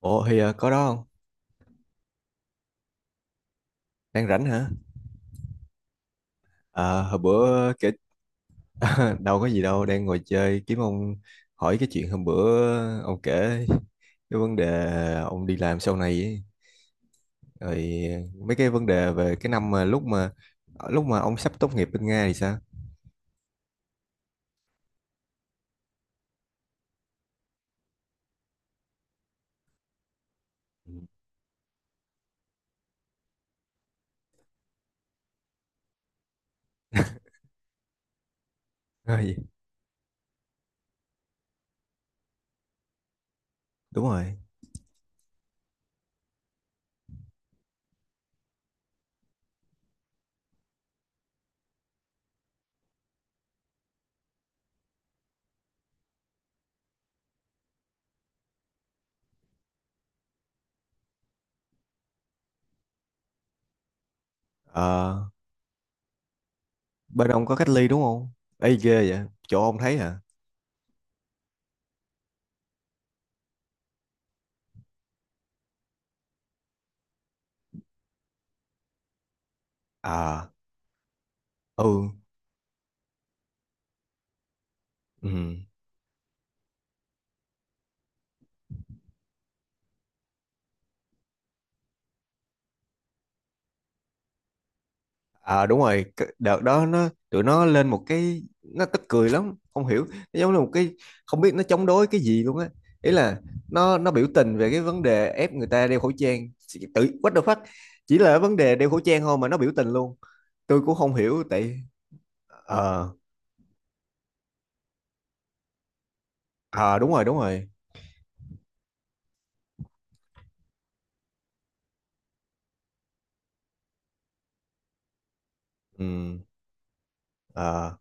Ủa thì có đó không? Đang rảnh hả? À, hồi bữa kể. Đâu có gì đâu, đang ngồi chơi kiếm ông hỏi cái chuyện hôm bữa ông kể cái vấn đề ông đi làm sau này ấy. Rồi mấy cái vấn đề về cái năm mà lúc mà ông sắp tốt nghiệp bên Nga thì sao? Rồi, đúng rồi. Ờ, Bên ông có cách ly đúng không? Ê ghê vậy, chỗ ông thấy hả? À, ừ, ừ. À đúng rồi, cái đợt đó tụi nó lên một cái nó tức cười lắm, không hiểu, nó giống như một cái không biết nó chống đối cái gì luôn á. Ý là nó biểu tình về cái vấn đề ép người ta đeo khẩu trang, tự what the fuck, chỉ là vấn đề đeo khẩu trang thôi mà nó biểu tình luôn. Tôi cũng không hiểu tại ờ à, đúng rồi, đúng rồi. Ừ, ờ.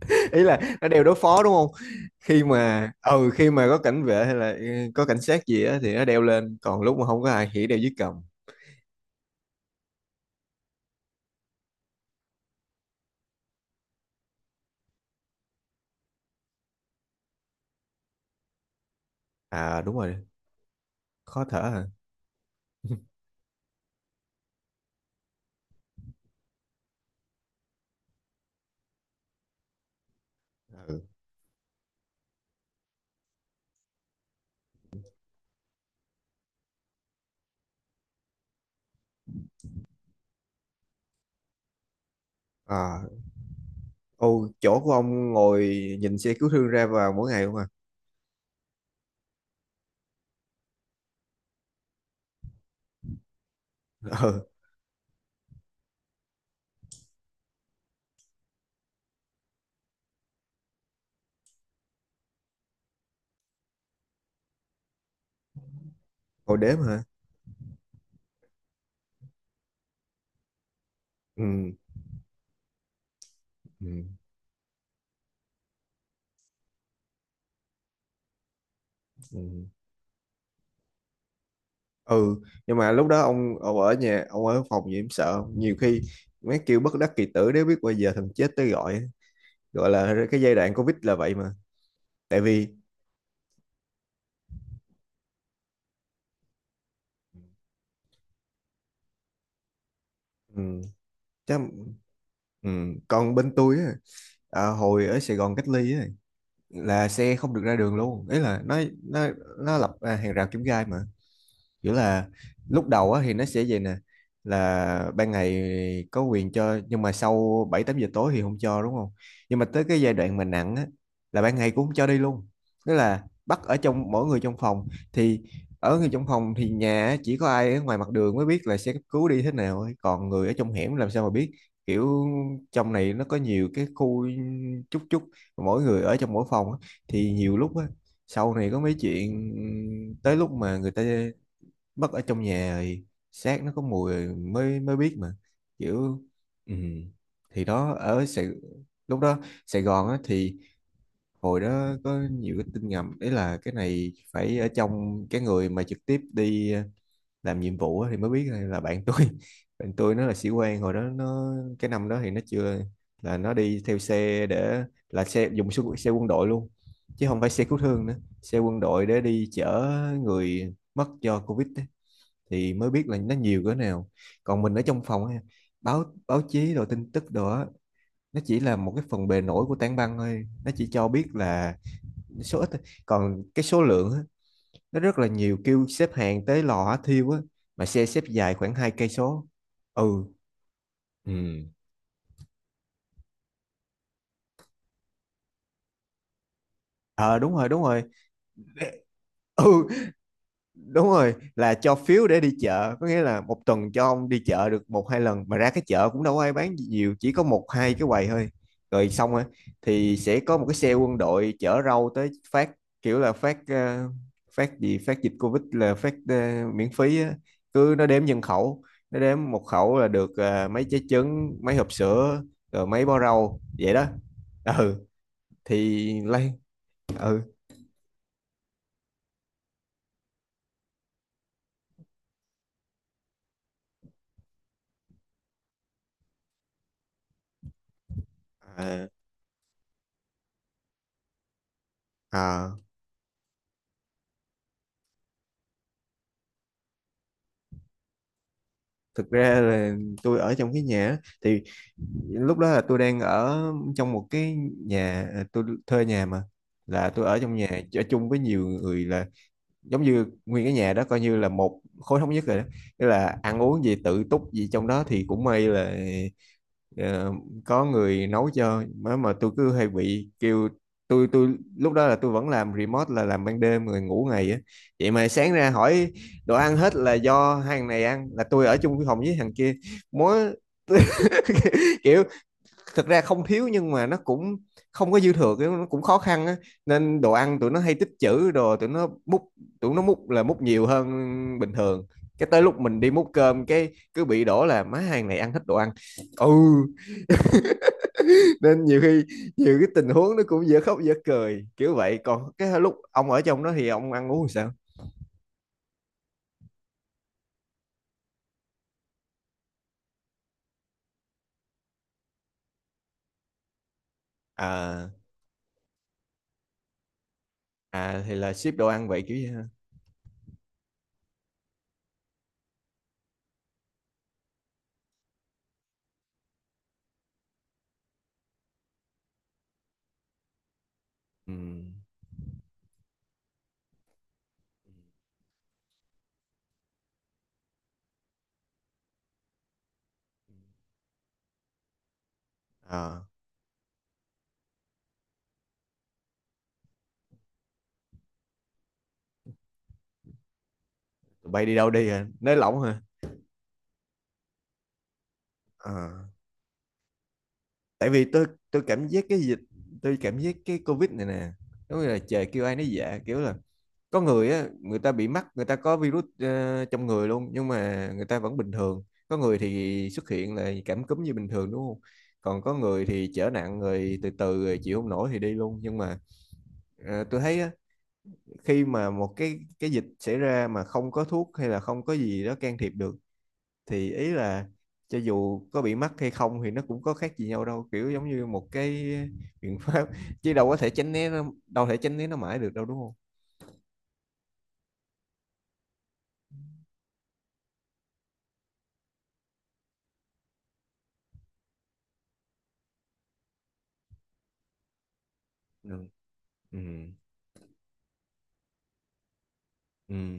Ý là nó đeo đối phó đúng không? Khi mà khi mà có cảnh vệ hay là có cảnh sát gì á thì nó đeo lên, còn lúc mà không có ai thì đeo dưới cầm. À đúng rồi, khó thở hả? Ừ. À, ô, chỗ của ông ngồi nhìn xe cứu thương ra vào mỗi ngày không à? Ừ, ngồi đếm hả? Ừ, ừ, ừ. Ừ, nhưng mà lúc đó ông ở nhà, ông ở phòng gì em sợ không? Nhiều khi mấy kêu bất đắc kỳ tử nếu biết bao giờ thằng chết tới gọi á. Gọi là cái giai đoạn Covid là vậy mà. Tại vì, ừ, chắc, ừ, còn bên tôi á, hồi ở Sài Gòn cách ly á, là xe không được ra đường luôn. Ý là nó, nó lập hàng rào kim gai mà kiểu là lúc đầu á thì nó sẽ vậy nè, là ban ngày có quyền cho nhưng mà sau 7, 8 giờ tối thì không cho đúng không, nhưng mà tới cái giai đoạn mà nặng á là ban ngày cũng không cho đi luôn, tức là bắt ở trong mỗi người trong phòng thì ở người trong phòng thì nhà á, chỉ có ai ở ngoài mặt đường mới biết là xe cấp cứu đi thế nào ấy. Còn người ở trong hẻm làm sao mà biết, kiểu trong này nó có nhiều cái khu chút chút, mỗi người ở trong mỗi phòng á, thì nhiều lúc á sau này có mấy chuyện tới lúc mà người ta mất ở trong nhà thì xác nó có mùi rồi mới mới biết mà kiểu ừ. Thì đó ở Sài, lúc đó Sài Gòn á, thì hồi đó có nhiều cái tin ngầm đấy là cái này phải ở trong cái người mà trực tiếp đi làm nhiệm vụ á, thì mới biết. Hay là bạn tôi bạn tôi nó là sĩ quan hồi đó nó cái năm đó thì nó chưa, là nó đi theo xe để là xe dùng xe quân đội luôn chứ không phải xe cứu thương nữa, xe quân đội để đi chở người mất do Covid ấy thì mới biết là nó nhiều cỡ nào. Còn mình ở trong phòng á, báo báo chí rồi tin tức đồ á nó chỉ là một cái phần bề nổi của tảng băng thôi, nó chỉ cho biết là số ít thôi. Còn cái số lượng á, nó rất là nhiều, kêu xếp hàng tới lò hỏa thiêu á mà xe xếp dài khoảng 2 cây số. Ừ ừ ờ đúng rồi ừ đúng rồi là cho phiếu để đi chợ, có nghĩa là một tuần cho ông đi chợ được một hai lần mà ra cái chợ cũng đâu có ai bán gì nhiều, chỉ có một hai cái quầy thôi rồi xong rồi thì sẽ có một cái xe quân đội chở rau tới phát, kiểu là phát phát gì phát dịch Covid là phát miễn phí á. Cứ nó đếm nhân khẩu, nó đếm một khẩu là được mấy trái trứng mấy hộp sữa rồi mấy bó rau vậy đó ừ thì lấy ừ à, à. Thực ra là tôi ở trong cái nhà á, thì lúc đó là tôi đang ở trong một cái nhà à, tôi thuê nhà mà là tôi ở trong nhà ở chung với nhiều người, là giống như nguyên cái nhà đó coi như là một khối thống nhất rồi đó, tức là ăn uống gì tự túc gì trong đó thì cũng may là ờ, có người nấu cho mà tôi cứ hay bị kêu, tôi lúc đó là tôi vẫn làm remote là làm ban đêm người ngủ ngày á vậy mà sáng ra hỏi đồ ăn hết là do hai thằng này ăn, là tôi ở chung cái phòng với thằng kia mỗi kiểu thực ra không thiếu nhưng mà nó cũng không có dư thừa cái nó cũng khó khăn á nên đồ ăn tụi nó hay tích trữ đồ tụi nó múc, tụi nó múc là múc nhiều hơn bình thường, cái tới lúc mình đi múc cơm cái cứ bị đổ là má hàng này ăn hết đồ ăn ừ nên nhiều khi nhiều cái tình huống nó cũng dở khóc dở cười kiểu vậy, còn cái lúc ông ở trong đó thì ông ăn uống sao à à thì là ship đồ ăn vậy kiểu vậy ha ừ. Ừ. À, tụi bay đi đâu đi hả nới lỏng hả à. Tại vì tôi cảm giác cái dịch, tôi cảm giác cái covid này nè giống như là trời kêu ai nấy dạ, kiểu là có người á người ta bị mắc, người ta có virus trong người luôn nhưng mà người ta vẫn bình thường, có người thì xuất hiện là cảm cúm như bình thường đúng không, còn có người thì trở nặng rồi từ từ rồi chịu không nổi thì đi luôn. Nhưng mà tôi thấy á, khi mà một cái dịch xảy ra mà không có thuốc hay là không có gì đó can thiệp được thì ý là cho dù có bị mắc hay không thì nó cũng có khác gì nhau đâu, kiểu giống như một cái biện pháp chứ đâu có thể tránh né nó, đâu thể tránh né nó mãi được đâu đúng không ừ. Ừ. Ừ.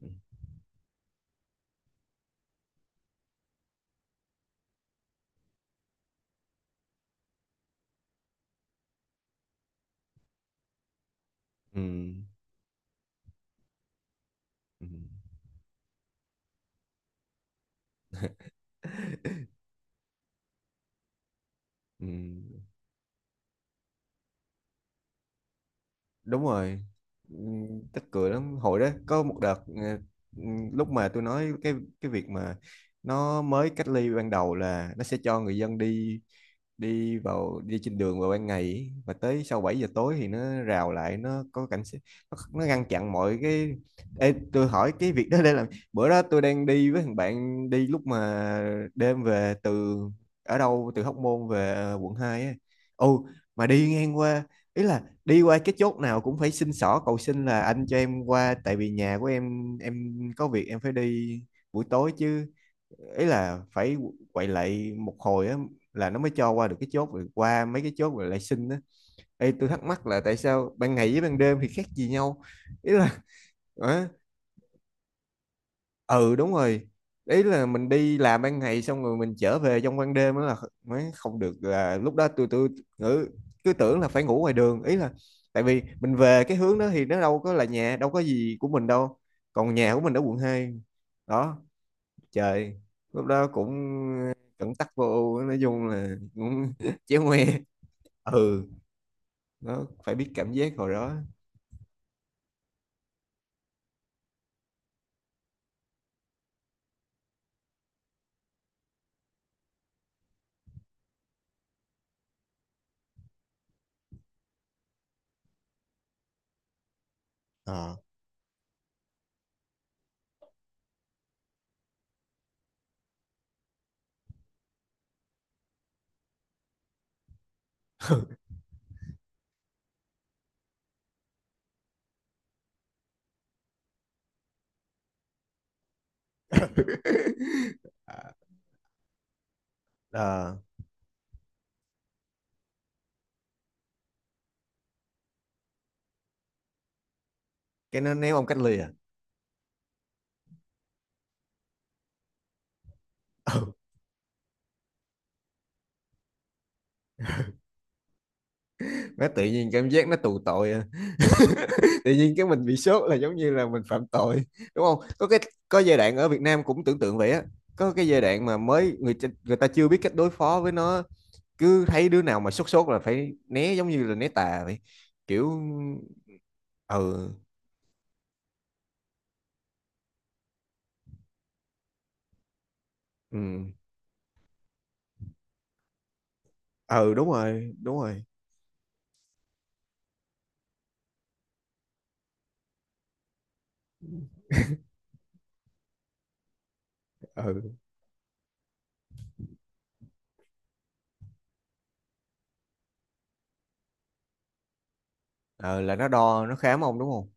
Ừ. Ừ. Ừ. Ừ. Đúng rồi. Ừ, tức cười lắm hồi đó có một đợt ừ, lúc mà tôi nói cái việc mà nó mới cách ly ban đầu là nó sẽ cho người dân đi đi vào đi trên đường vào ban ngày ấy, và tới sau 7 giờ tối thì nó rào lại nó có cảnh sát, nó ngăn chặn mọi cái. Ê, tôi hỏi cái việc đó để làm, bữa đó tôi đang đi với thằng bạn đi lúc mà đêm về từ ở đâu từ Hóc Môn về quận 2 ấy. Ồ mà đi ngang qua, ý là đi qua cái chốt nào cũng phải xin xỏ cầu xin là anh cho em qua tại vì nhà của em có việc em phải đi buổi tối chứ, ý là phải quậy lại một hồi á là nó mới cho qua được cái chốt, rồi qua mấy cái chốt rồi lại xin á. Ê, tôi thắc mắc là tại sao ban ngày với ban đêm thì khác gì nhau, ý là ờ, ừ đúng rồi, ý là mình đi làm ban ngày xong rồi mình trở về trong ban đêm đó là mới không được, là lúc đó tôi ngữ cứ tưởng là phải ngủ ngoài đường, ý là tại vì mình về cái hướng đó thì nó đâu có là nhà đâu có gì của mình đâu, còn nhà của mình ở quận 2 đó trời lúc đó cũng cẩn tắc vô ưu nói chung là cũng chéo ngoe ừ nó phải biết cảm giác hồi đó ờ À, ờ, cái nó ném ông cách ly à ừ. Nó tự nhiên cảm giác nó tù tội à. Tự nhiên cái mình bị sốt là giống như là mình phạm tội đúng không, có cái có giai đoạn ở Việt Nam cũng tưởng tượng vậy á, có cái giai đoạn mà mới người ta chưa biết cách đối phó với nó, cứ thấy đứa nào mà sốt sốt là phải né giống như là né tà vậy kiểu ừ ừ ừ đúng rồi ừ ừ là nó đo nó khám ông đúng không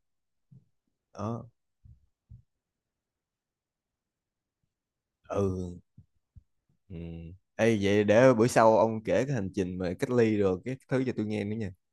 đó ừ ừ Ê, vậy để bữa sau ông kể cái hành trình mà cách ly rồi cái thứ cho tôi nghe nữa nha.